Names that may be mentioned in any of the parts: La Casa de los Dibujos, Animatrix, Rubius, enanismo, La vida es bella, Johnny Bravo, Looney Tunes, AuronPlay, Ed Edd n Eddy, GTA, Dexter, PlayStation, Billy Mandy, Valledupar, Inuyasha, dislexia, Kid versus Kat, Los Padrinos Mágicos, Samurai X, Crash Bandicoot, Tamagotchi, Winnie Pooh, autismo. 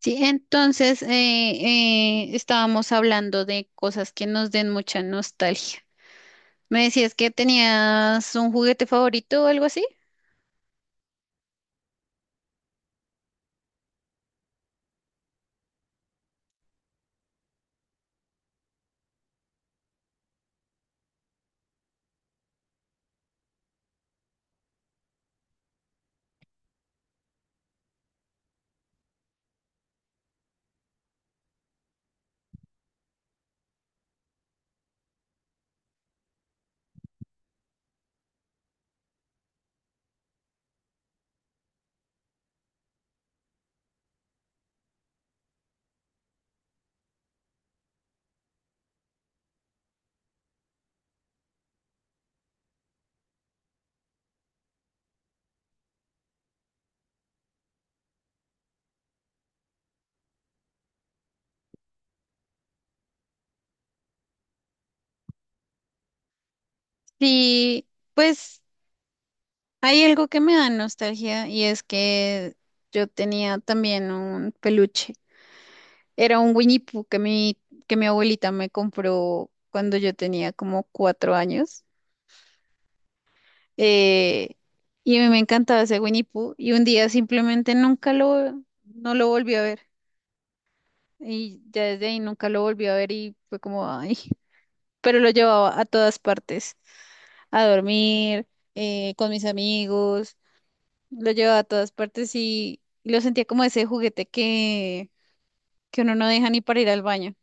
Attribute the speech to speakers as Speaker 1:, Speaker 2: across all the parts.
Speaker 1: Sí, entonces estábamos hablando de cosas que nos den mucha nostalgia. ¿Me decías que tenías un juguete favorito o algo así? Sí, pues hay algo que me da nostalgia y es que yo tenía también un peluche. Era un Winnie Pooh que mi abuelita me compró cuando yo tenía como 4 años. Eh, y a mí me encantaba ese Winnie Pooh y un día simplemente nunca lo, no lo volví a ver. Y ya desde ahí nunca lo volví a ver y fue como, ay, pero lo llevaba a todas partes, a dormir, con mis amigos. Lo llevaba a todas partes y lo sentía como ese juguete que uno no deja ni para ir al baño.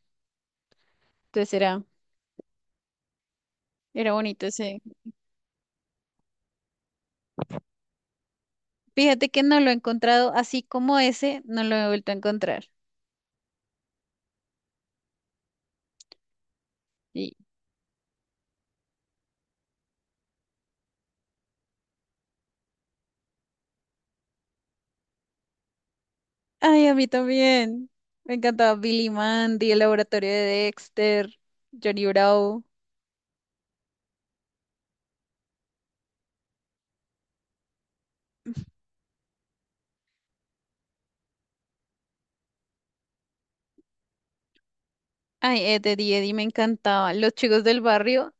Speaker 1: Entonces era, Era bonito ese. Fíjate que no lo he encontrado así como ese, no lo he vuelto a encontrar. Y, ay, a mí también. Me encantaba Billy Mandy, el laboratorio de Dexter, Johnny Bravo. Ay, Ed, Eddie me encantaba. Los chicos del barrio,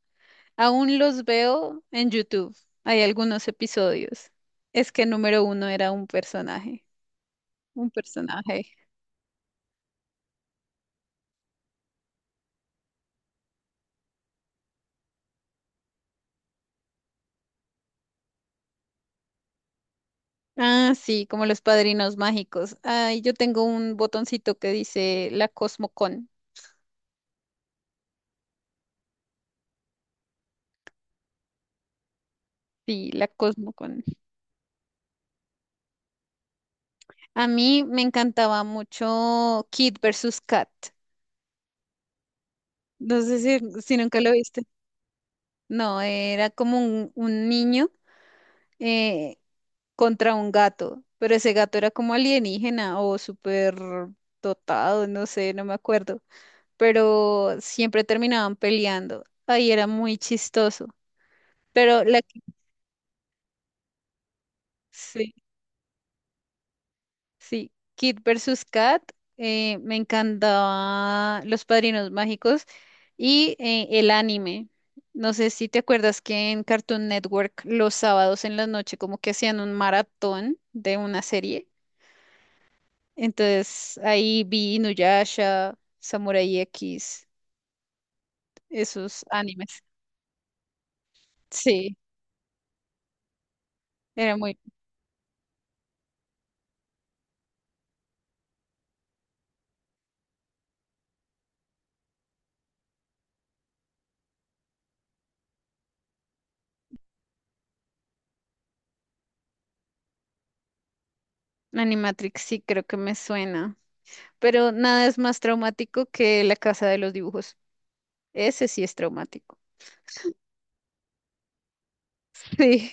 Speaker 1: aún los veo en YouTube. Hay algunos episodios. Es que número uno era un personaje. Un personaje. Ah, sí, como los padrinos mágicos. Ay, yo tengo un botoncito que dice la Cosmocon. Sí, la Cosmocon. A mí me encantaba mucho Kid versus Kat. No sé si nunca lo viste. No, era como un niño eh, contra un gato, pero ese gato era como alienígena o súper dotado, no sé, no me acuerdo. Pero siempre terminaban peleando. Ahí era muy chistoso. Pero Sí. Sí, Kid versus Kat. Me encantaba Los Padrinos Mágicos y el anime. No sé si te acuerdas que en Cartoon Network los sábados en la noche como que hacían un maratón de una serie. Entonces ahí vi Inuyasha, Samurai X, esos animes. Sí, era muy Animatrix, sí, creo que me suena. Pero nada es más traumático que La Casa de los Dibujos. Ese sí es traumático. Sí,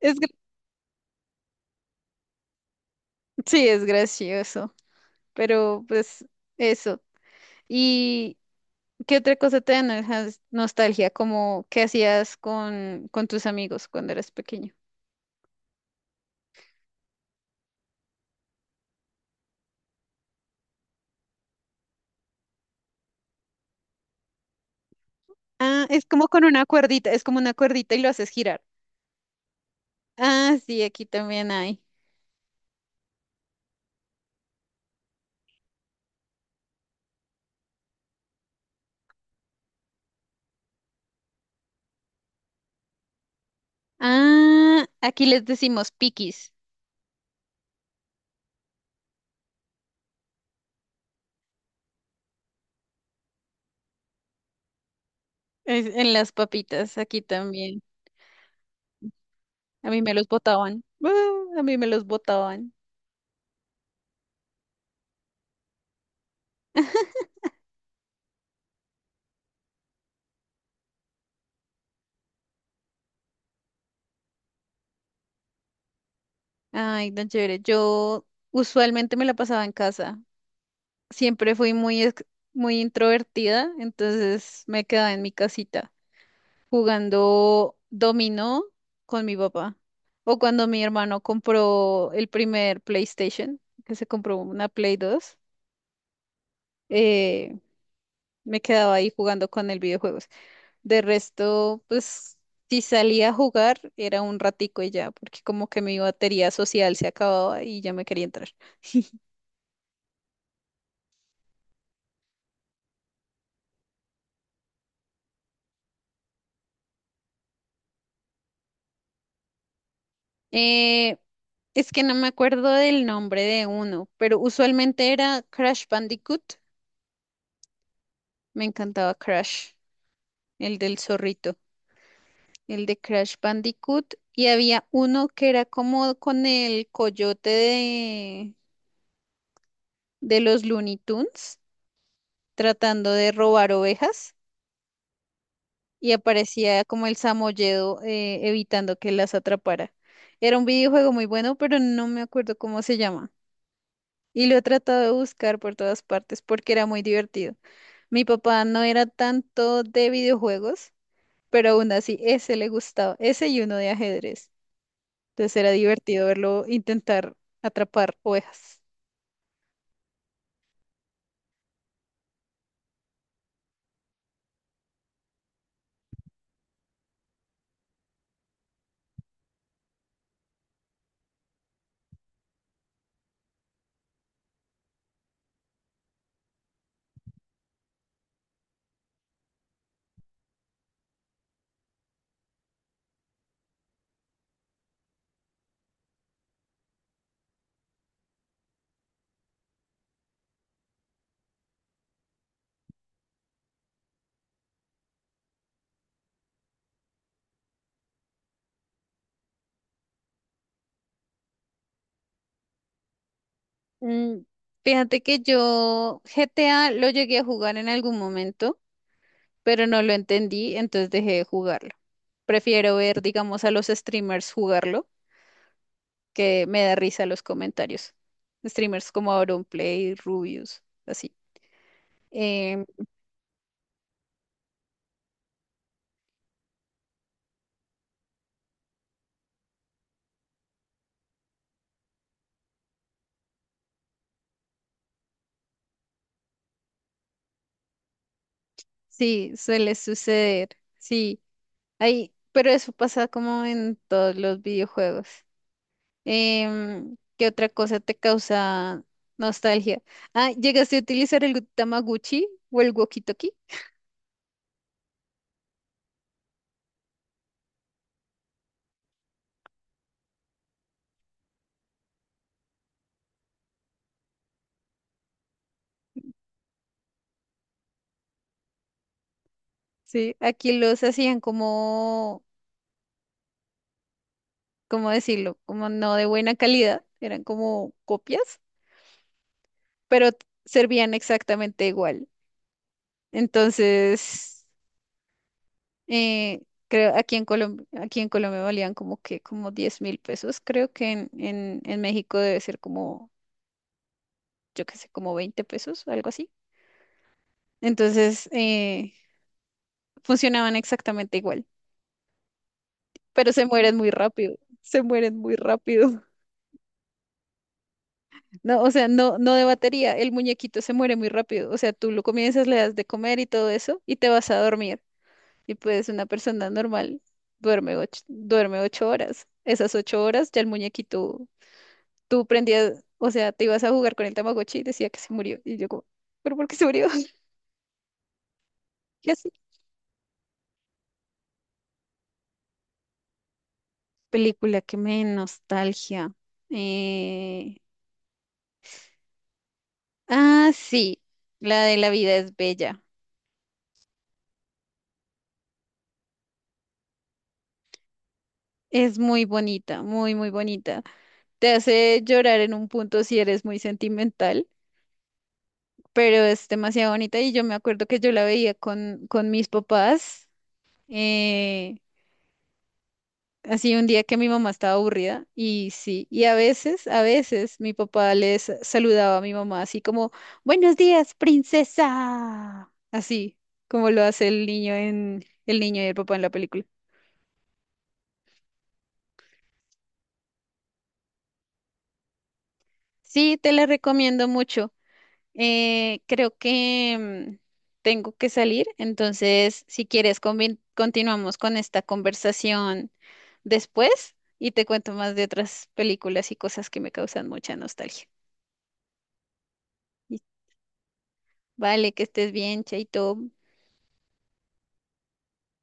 Speaker 1: es sí, es gracioso, pero pues eso. ¿Y qué otra cosa te da nostalgia? Como qué hacías con tus amigos cuando eras pequeño. Ah, es como con una cuerdita, es como una cuerdita y lo haces girar. Ah, sí, aquí también hay. Ah, aquí les decimos piquis en las papitas, aquí también. A mí me los botaban. Ah, a mí me los botaban. Ay, tan chévere. Yo usualmente me la pasaba en casa. Siempre fui muy introvertida, entonces me quedaba en mi casita jugando dominó con mi papá. O cuando mi hermano compró el primer PlayStation, que se compró una Play 2, eh, me quedaba ahí jugando con el videojuegos. De resto, pues si salía a jugar era un ratico y ya, porque como que mi batería social se acababa y ya me quería entrar. Eh, es que no me acuerdo del nombre de uno, pero usualmente era Crash Bandicoot. Me encantaba Crash, el del zorrito, el de Crash Bandicoot. Y había uno que era como con el coyote de los Looney Tunes, tratando de robar ovejas. Y aparecía como el samoyedo evitando que las atrapara. Era un videojuego muy bueno, pero no me acuerdo cómo se llama. Y lo he tratado de buscar por todas partes porque era muy divertido. Mi papá no era tanto de videojuegos, pero aún así ese le gustaba, ese y uno de ajedrez. Entonces era divertido verlo intentar atrapar ovejas. Mm, fíjate que yo GTA lo llegué a jugar en algún momento, pero no lo entendí, entonces dejé de jugarlo. Prefiero ver, digamos, a los streamers jugarlo, que me da risa los comentarios. Streamers como AuronPlay, Rubius, así. Em, sí, suele suceder. Sí, ay, pero eso pasa como en todos los videojuegos. Em, ¿qué otra cosa te causa nostalgia? Ah, ¿llegaste a utilizar el Tamaguchi o el walkie-talkie? Sí, aquí los hacían como, ¿cómo decirlo? Como no de buena calidad, eran como copias, pero servían exactamente igual. Entonces, eh, creo aquí en Colombia valían como que como 10.000 pesos, creo que en México debe ser como yo qué sé, como 20 pesos o algo así. Entonces, funcionaban exactamente igual, pero se mueren muy rápido. No, o sea, no, no de batería, el muñequito se muere muy rápido. O sea, tú lo comienzas, le das de comer y todo eso, y te vas a dormir. Y pues una persona normal duerme ocho horas. Esas 8 horas ya el muñequito, tú prendías, o sea, te ibas a jugar con el Tamagotchi y decía que se murió. Y yo como, ¿pero por qué se murió? ¿Qué así película que me dé nostalgia. Eh, sí, la de La vida es bella. Es muy bonita, muy bonita. Te hace llorar en un punto si eres muy sentimental, pero es demasiado bonita y yo me acuerdo que yo la veía con mis papás. eh, Así un día que mi mamá estaba aburrida y sí, y a veces mi papá les saludaba a mi mamá así como, buenos días, princesa. Así como lo hace el niño en el niño y el papá en la película. Sí, te la recomiendo mucho. Creo que mm, tengo que salir, entonces si quieres continuamos con esta conversación después y te cuento más de otras películas y cosas que me causan mucha nostalgia. Vale, que estés bien, Chaito.